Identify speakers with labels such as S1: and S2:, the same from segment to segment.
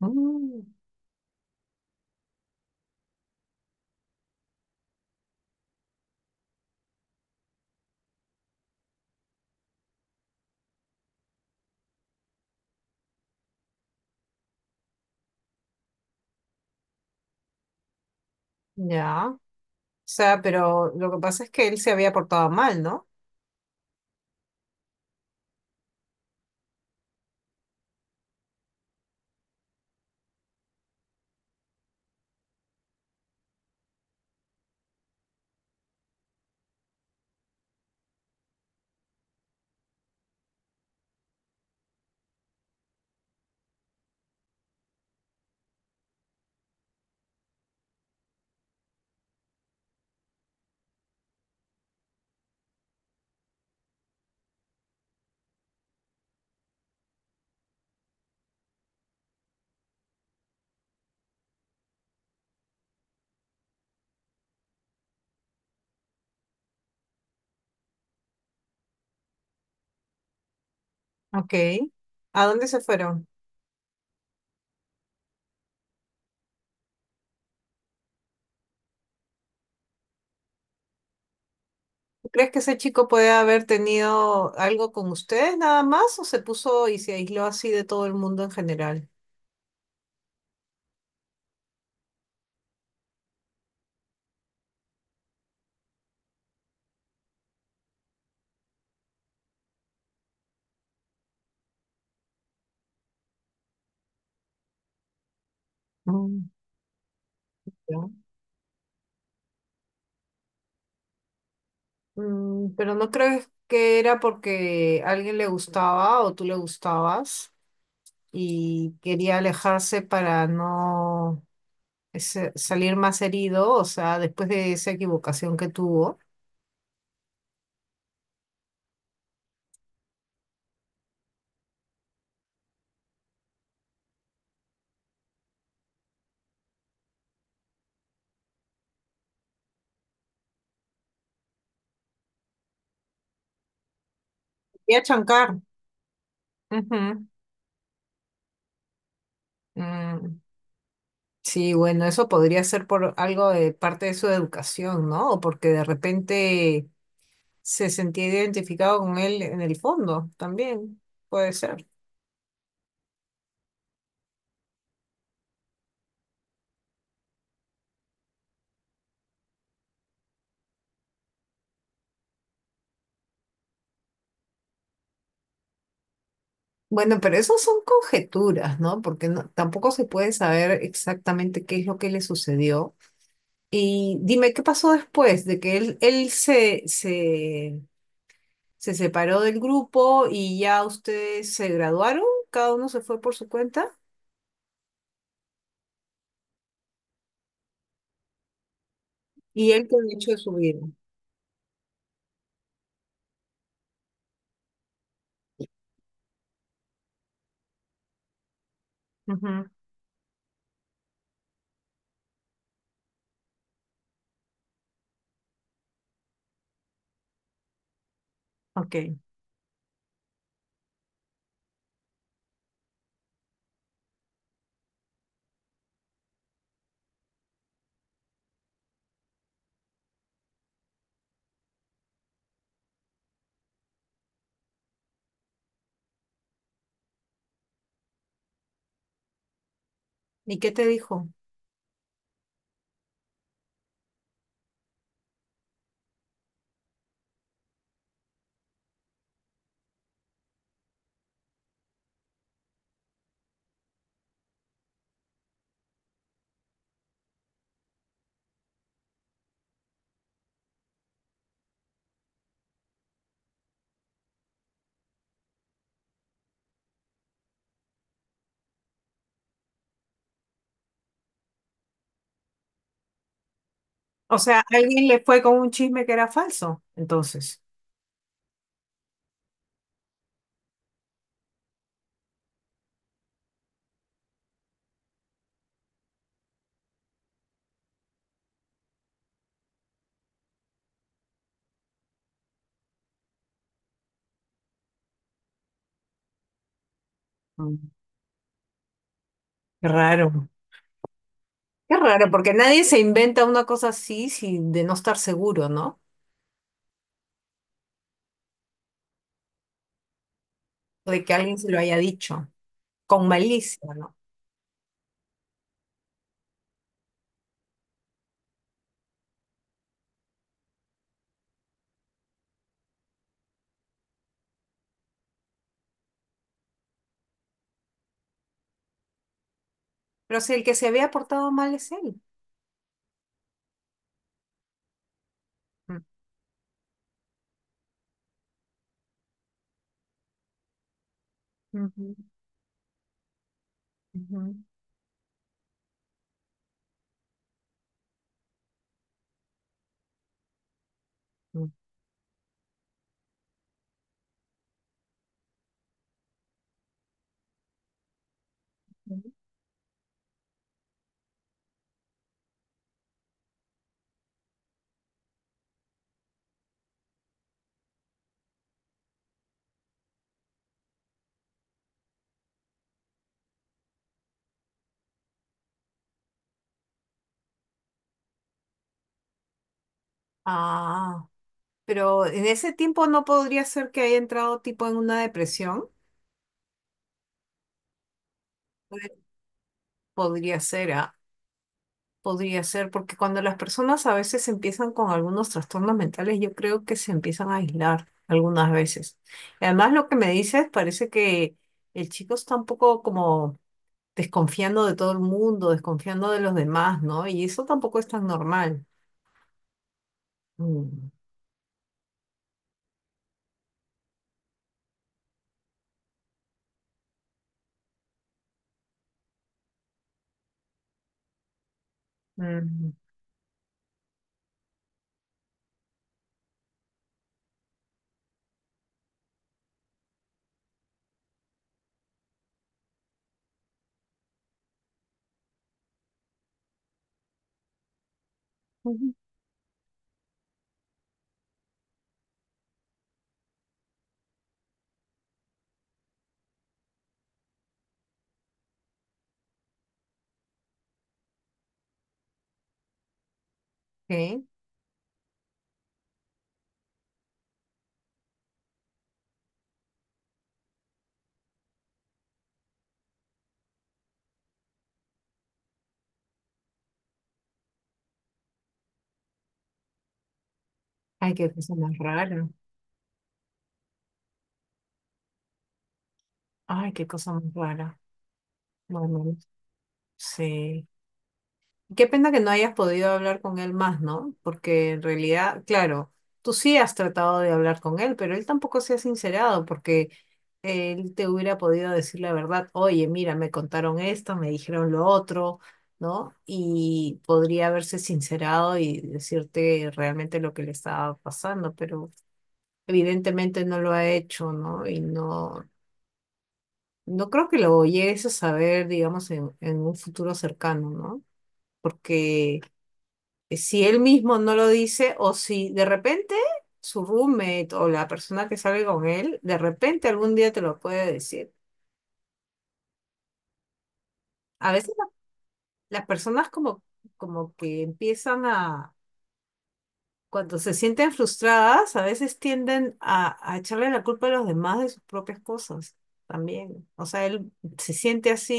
S1: Mm, ya. O sea, pero lo que pasa es que él se había portado mal, ¿no? Ok. ¿A dónde se fueron? ¿Tú crees que ese chico puede haber tenido algo con ustedes nada más o se puso y se aisló así de todo el mundo en general? Mm, ya. Pero no crees que era porque alguien le gustaba o tú le gustabas y quería alejarse para no salir más herido, o sea, después de esa equivocación que tuvo. Quería chancar. Ujú. Mm, Sí, bueno, eso podría ser por algo de parte de su educación, ¿no? O porque de repente se sentía identificado con él en el fondo, también puede ser. Bueno, pero eso son conjeturas, ¿no? Porque tampoco se puede saber exactamente qué es lo que le sucedió. Y dime, ¿qué pasó después de que él se se, separó del grupo y ya ustedes se graduaron? ¿Cada uno se fue por su cuenta? ¿Y él qué ha hecho de su vida? Ujú. Ok. ¿Y qué te dijo? O sea, alguien le fue con un chisme que era falso. Entonces, mm. Qué raro. Qué raro, porque nadie se inventa una cosa así sin de no estar seguro, ¿no? De que alguien se lo haya dicho, con malicia, ¿no? Pero si el que se había portado mal es él. Mm. Ujú, ujú, ujú. Ah, pero en ese tiempo no podría ser que haya entrado tipo en una depresión. Puede- Podría ser, ¿ah? Podría ser, porque cuando las personas a veces empiezan con algunos trastornos mentales, yo creo que se empiezan a aislar algunas veces. Y además, lo que me dices, parece que el chico está un poco como desconfiando de todo el mundo, desconfiando de los demás, ¿no? Y eso tampoco es tan normal. Mm. Mm. Ujú. Ok. Ay, qué cosa más rara. Ay, qué cosa más rara. Bueno, sí. Qué pena que no hayas podido hablar con él más, ¿no? Porque en realidad, claro, tú sí has tratado de hablar con él, pero él tampoco se ha sincerado porque él te hubiera podido decir la verdad, oye, mira, me contaron esto, me dijeron lo otro, ¿no? Y podría haberse sincerado y decirte realmente lo que le estaba pasando, pero evidentemente no lo ha hecho, ¿no? Y no creo que lo llegues a saber, digamos, en un futuro cercano, ¿no? Porque si él mismo no lo dice o si de repente su roommate o la persona que sale con él, de repente algún día te lo puede decir. A veces la- las personas como, como que empiezan a, cuando se sienten frustradas, a veces tienden a echarle la culpa a los demás de sus propias cosas también. O sea, él se siente así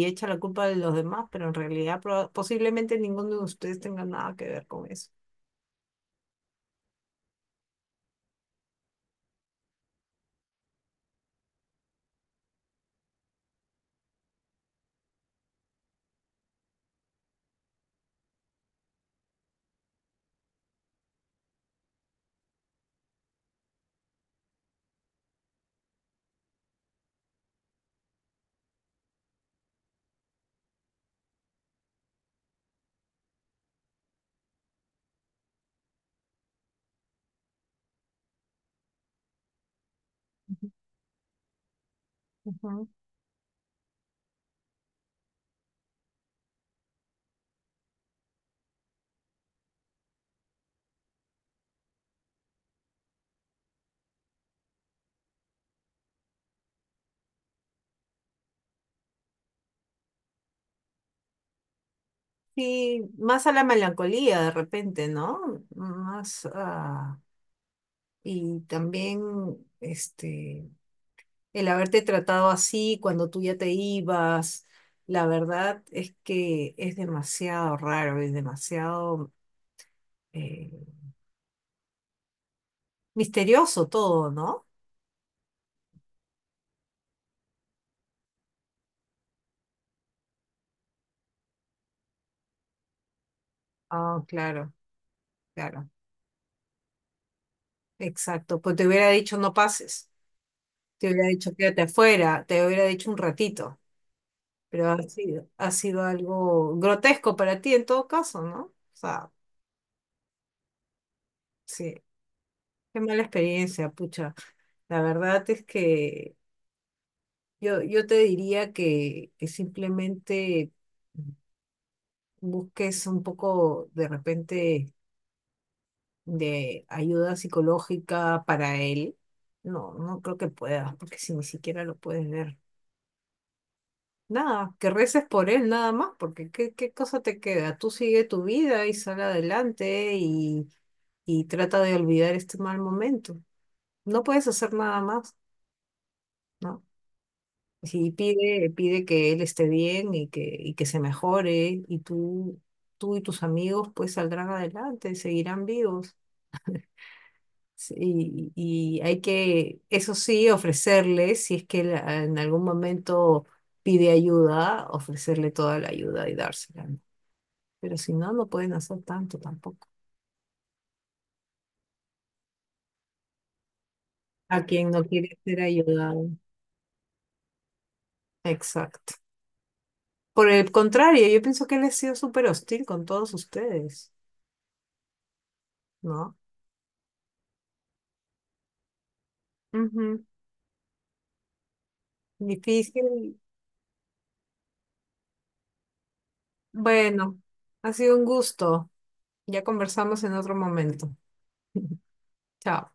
S1: y echa la culpa de los demás, pero en realidad posiblemente ninguno de ustedes tenga nada que ver con eso. Ujú. Sí, más a la melancolía de repente, ¿no? Más a... Y también este, el haberte tratado así cuando tú ya te ibas, la verdad es que es demasiado raro, es demasiado eh, misterioso todo, ¿no? Ah, claro, claro, exacto. Pues te hubiera dicho no pases, te hubiera dicho quédate afuera, te hubiera dicho un ratito, pero ha sido algo grotesco para ti en todo caso, ¿no? O sea, sí, qué mala experiencia, pucha. La verdad es que yo te diría que simplemente busques un poco de repente de ayuda psicológica para él. No creo que puedas, porque si ni siquiera lo puedes ver. Nada, que reces por él nada más, porque ¿qué, qué cosa te queda? Tú sigue tu vida y sal adelante y trata de olvidar este mal momento. No puedes hacer nada más, ¿no? Sí, pide que él esté bien y que se mejore y tú y tus amigos pues saldrán adelante, seguirán vivos. Sí, y hay que, eso sí, ofrecerles, si es que él, en algún momento pide ayuda, ofrecerle toda la ayuda y dársela, ¿no? Pero si no, no pueden hacer tanto tampoco. A quien no quiere ser ayudado. Exacto. Por el contrario, yo pienso que él ha sido súper hostil con todos ustedes, ¿no? Ujú. Difícil. Bueno, ha sido un gusto. Ya conversamos en otro momento. Chao.